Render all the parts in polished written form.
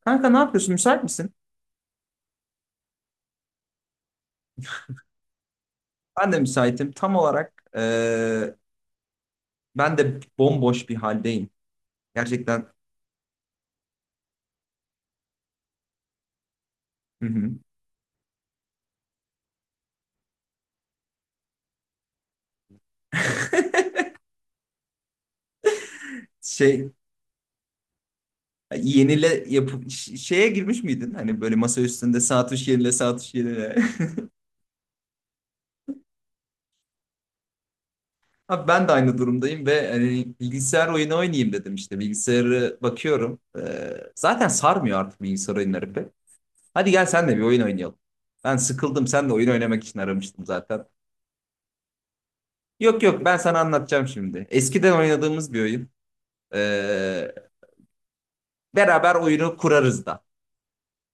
Kanka ne yapıyorsun? Müsait misin? Ben de müsaitim. Tam olarak ben de bomboş bir haldeyim. Gerçekten. Hı hı. Şey yenile yapıp şeye girmiş miydin? Hani böyle masa üstünde saat üç yenile saat üç yenile. Abi ben de aynı durumdayım ve hani bilgisayar oyunu oynayayım dedim işte. Bilgisayarı bakıyorum. Zaten sarmıyor artık bilgisayar oyunları pek. Hadi gel sen de bir oyun oynayalım. Ben sıkıldım. Sen de oyun oynamak için aramıştım zaten. Yok yok ben sana anlatacağım şimdi. Eskiden oynadığımız bir oyun. Ee, beraber oyunu kurarız da.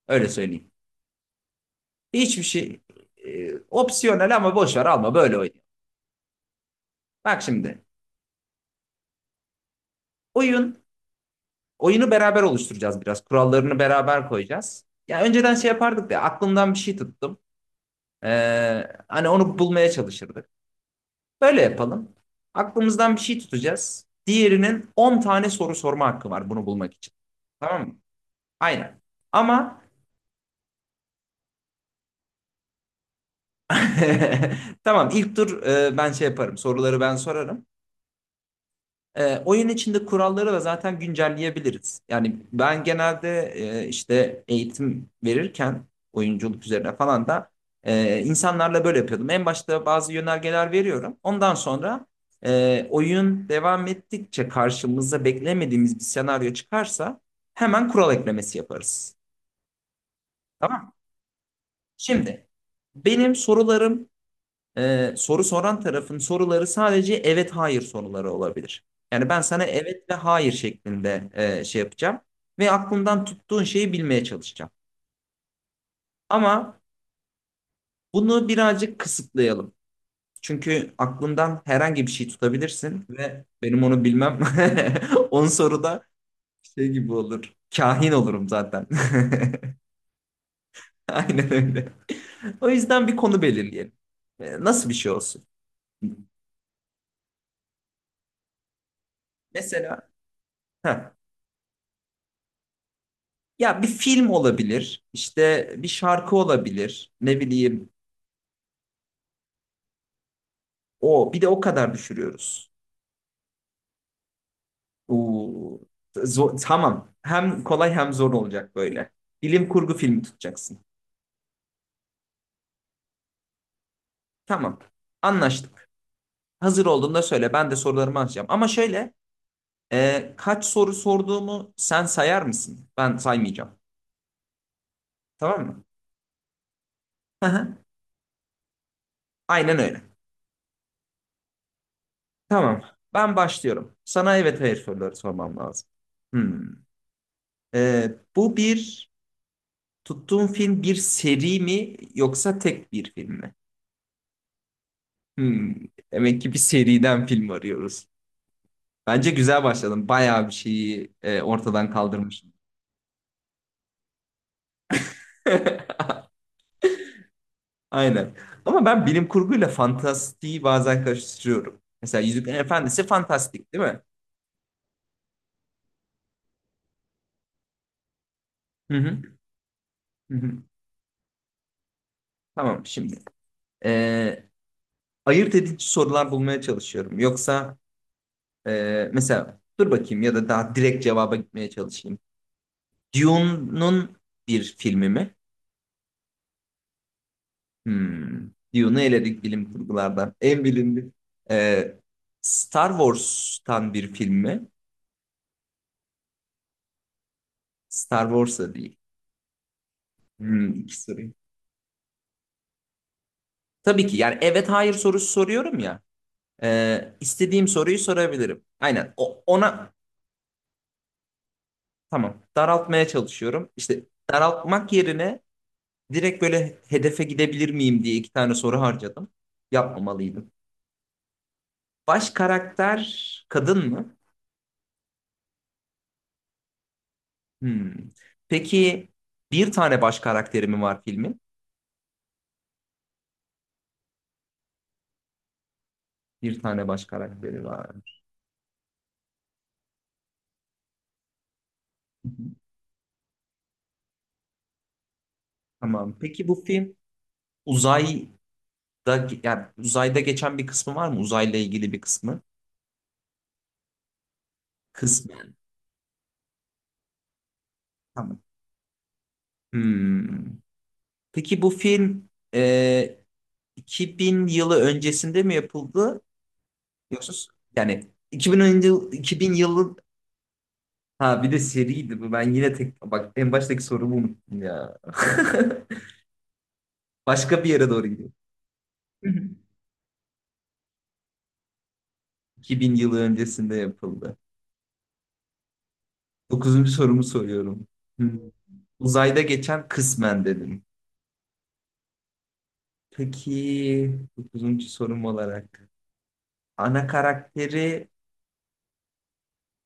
Öyle söyleyeyim. Hiçbir şey opsiyonel ama boş ver alma böyle oynayalım. Bak şimdi oyun oyunu beraber oluşturacağız biraz. Kurallarını beraber koyacağız. Ya önceden şey yapardık ya aklımdan bir şey tuttum. Hani onu bulmaya çalışırdık. Böyle yapalım. Aklımızdan bir şey tutacağız. Diğerinin 10 tane soru sorma hakkı var bunu bulmak için. Tamam mı? Aynen. Ama tamam ilk tur ben şey yaparım, soruları ben sorarım. Oyun içinde kuralları da zaten güncelleyebiliriz. Yani ben genelde işte eğitim verirken oyunculuk üzerine falan da insanlarla böyle yapıyordum. En başta bazı yönergeler veriyorum. Ondan sonra oyun devam ettikçe karşımıza beklemediğimiz bir senaryo çıkarsa hemen kural eklemesi yaparız. Tamam mı? Şimdi benim sorularım soru soran tarafın soruları sadece evet hayır soruları olabilir. Yani ben sana evet ve hayır şeklinde şey yapacağım ve aklından tuttuğun şeyi bilmeye çalışacağım. Ama bunu birazcık kısıtlayalım. Çünkü aklından herhangi bir şey tutabilirsin ve benim onu bilmem 10 soruda şey gibi olur. Kahin olurum zaten. Aynen öyle. O yüzden bir konu belirleyelim. Nasıl bir şey olsun? Mesela Heh. Ya bir film olabilir, işte bir şarkı olabilir, ne bileyim. O bir de o kadar düşürüyoruz. Oo, tamam. Hem kolay hem zor olacak böyle. Bilim kurgu filmi tutacaksın. Tamam. Anlaştık. Hazır olduğunda söyle. Ben de sorularımı açacağım. Ama şöyle, kaç soru sorduğumu sen sayar mısın? Ben saymayacağım. Tamam mı? Hı hı. Aynen öyle. Tamam. Ben başlıyorum. Sana evet hayır soruları sormam lazım. Hmm. E, bu bir tuttuğun film bir seri mi yoksa tek bir film mi? Hmm, demek ki bir seriden film arıyoruz. Bence güzel başladım. Bayağı bir şeyi ortadan kaldırmışım. Aynen. Ama ben bilim kurguyla fantastiği bazen karıştırıyorum. Mesela Yüzüklerin Efendisi fantastik değil mi? Hı hı. Hı hı. Tamam şimdi. E, ayırt edici sorular bulmaya çalışıyorum. Yoksa mesela dur bakayım, ya da daha direkt cevaba gitmeye çalışayım. Dune'un bir filmi mi? Hmm. Dune'u eledik bilim kurgulardan. En bilindik. Ee, Star Wars'tan bir film mi? Star Wars'a değil. İki sorayım. Tabii ki yani evet hayır sorusu soruyorum ya. İstediğim soruyu sorabilirim. Aynen ona. Tamam, daraltmaya çalışıyorum. İşte daraltmak yerine direkt böyle hedefe gidebilir miyim diye iki tane soru harcadım. Yapmamalıydım. Baş karakter kadın mı? Hmm. Peki bir tane baş karakteri mi var filmin? Bir tane baş karakteri var. Hı hı. Tamam. Peki bu film uzayda uzayda geçen bir kısmı var mı? Uzayla ilgili bir kısmı. Kısmı. Tamam. Hmm. Peki bu film e, 2000 yılı öncesinde mi yapıldı? Yoksa yani 2000 yılı. Ha, bir de seriydi bu. Ben yine tek bak en baştaki sorumu unuttum ya. Başka bir yere doğru gidiyor. 2000 yılı öncesinde yapıldı. Dokuzuncu sorumu soruyorum. Hmm. Uzayda geçen kısmen dedim. Peki dokuzuncu sorum olarak ana karakteri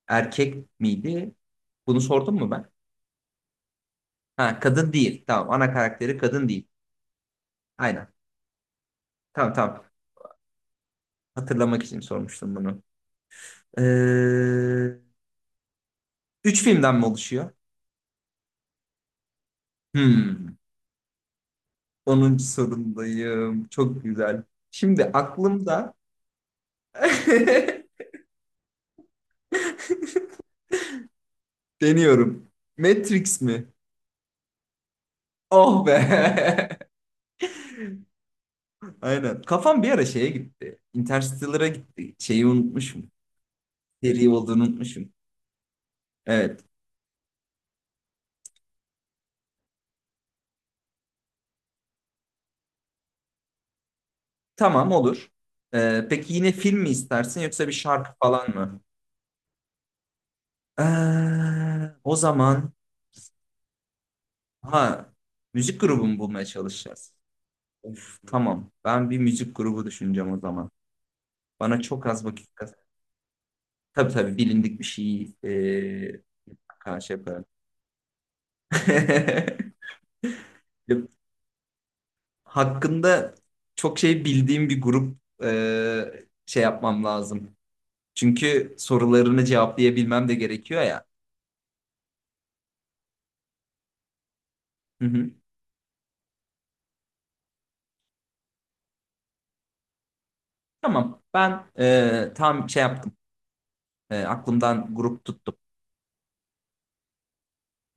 erkek miydi? Bunu sordum mu ben? Ha, kadın değil. Tamam, ana karakteri kadın değil. Aynen. Tamam tamam. Hatırlamak için sormuştum bunu. Ee, üç filmden mi oluşuyor? Hmm. Onuncu sorumdayım. Çok güzel. Şimdi aklımda deniyorum. Matrix mi? Oh be. Aynen. Kafam bir ara şeye gitti. Interstellar'a gitti. Şeyi unutmuşum. Seri olduğunu unutmuşum. Evet. Tamam, olur. Peki yine film mi istersin yoksa bir şarkı falan mı? O zaman ha, müzik grubu mu bulmaya çalışacağız? Of, tamam. Ben bir müzik grubu düşüneceğim o zaman. Bana çok az vakit kaz. Tabii tabii, bilindik bir şey karşı yaparım. Ya, hakkında çok şey bildiğim bir grup şey yapmam lazım. Çünkü sorularını cevaplayabilmem de gerekiyor ya. Hı hı. Tamam. Ben tam şey yaptım. Aklımdan grup tuttum.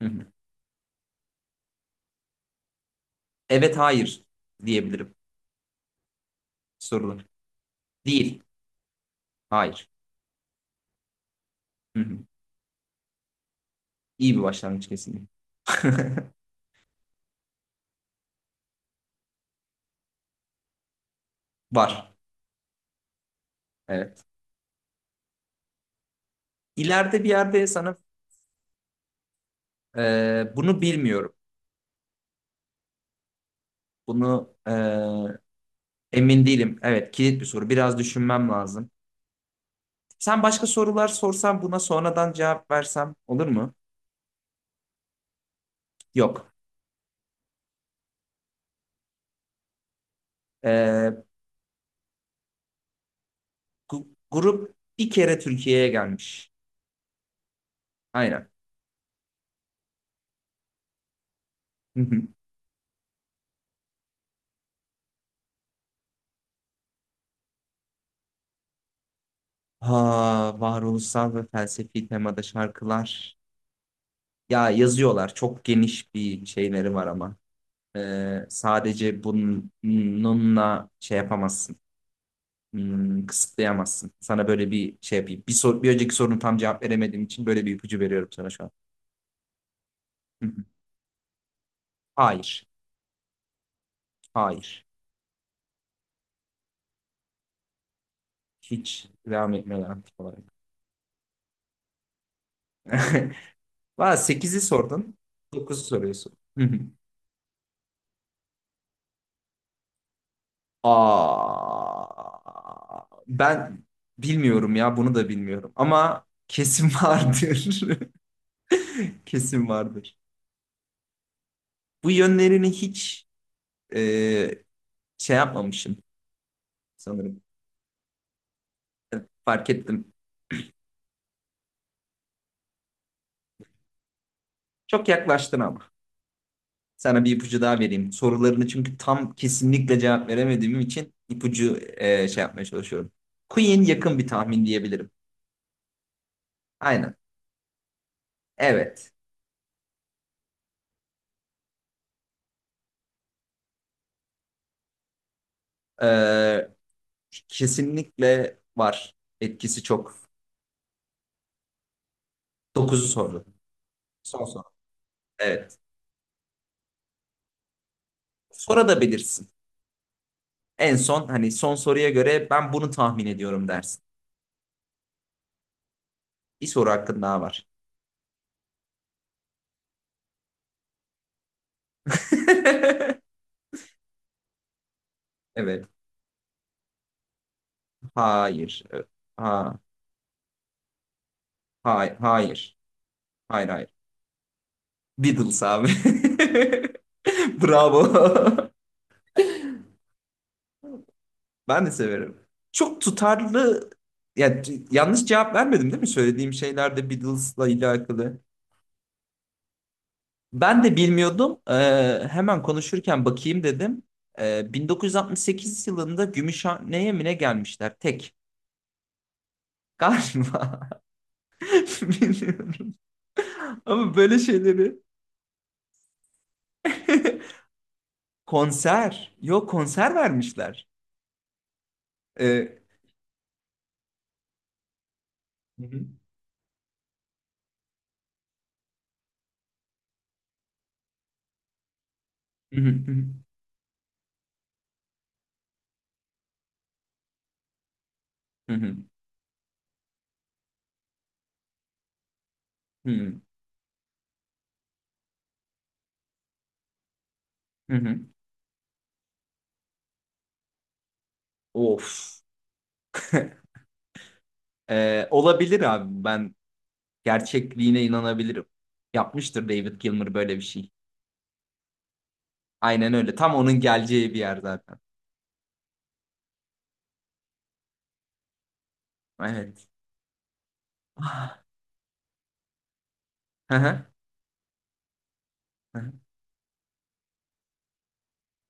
Hı hı. Evet, hayır diyebilirim sorular. Değil. Hayır. Hı hı. İyi bir başlangıç kesinlikle. Var. Evet. İleride bir yerde sana bunu bilmiyorum. Bunu emin değilim. Evet, kilit bir soru. Biraz düşünmem lazım. Sen başka sorular sorsan buna sonradan cevap versem olur mu? Yok. Ee, grup bir kere Türkiye'ye gelmiş. Aynen. Hı hı. Ha, varoluşsal ve felsefi temada şarkılar. Ya yazıyorlar. Çok geniş bir şeyleri var ama. Sadece bununla şey yapamazsın. Kısıtlayamazsın. Sana böyle bir şey yapayım. Bir önceki sorunu tam cevap veremediğim için böyle bir ipucu veriyorum sana şu an. Hı hı. Hayır. Hayır. Hiç devam etmiyorlar aktif olarak. Valla 8'i sordun. Dokuzu soruyorsun. Hı hı. Aa, ben bilmiyorum ya, bunu da bilmiyorum. Ama kesin vardır. Kesin vardır. Bu yönlerini hiç e, şey yapmamışım sanırım. Fark ettim. Çok yaklaştın ama. Sana bir ipucu daha vereyim. Sorularını çünkü tam kesinlikle cevap veremediğim için ipucu şey yapmaya çalışıyorum. Queen yakın bir tahmin diyebilirim. Aynen. Evet. Ee, kesinlikle var. Etkisi çok. Dokuzu sordu. Son soru. Evet. Sonra da bilirsin. En son, hani son soruya göre ben bunu tahmin ediyorum dersin. Bir soru hakkın daha var. Evet. Hayır. Evet. Ha, hayır. Hayır hayır. Beatles abi. Bravo. Ben de severim. Çok tutarlı. Ya, yanlış cevap vermedim değil mi? Söylediğim şeyler de Beatles'la alakalı. Ben de bilmiyordum. Hemen konuşurken bakayım dedim. 1968 yılında Gümüşhane'ye mi ne gelmişler? Tek. Galiba. Bilmiyorum. Ama böyle şeyleri. Konser. Yok, konser vermişler. Ee, Hı hı. Hı hı. Hı hı. Hı hı. Hı hı. Of. Olabilir abi. Ben gerçekliğine inanabilirim. Yapmıştır David Gilmour böyle bir şey. Aynen öyle. Tam onun geleceği bir yer zaten. Evet. Ah. Hı hı. Hı.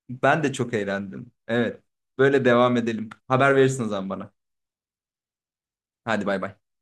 Ben de çok eğlendim. Evet. Böyle devam edelim. Haber verirsin o zaman bana. Hadi bay bay.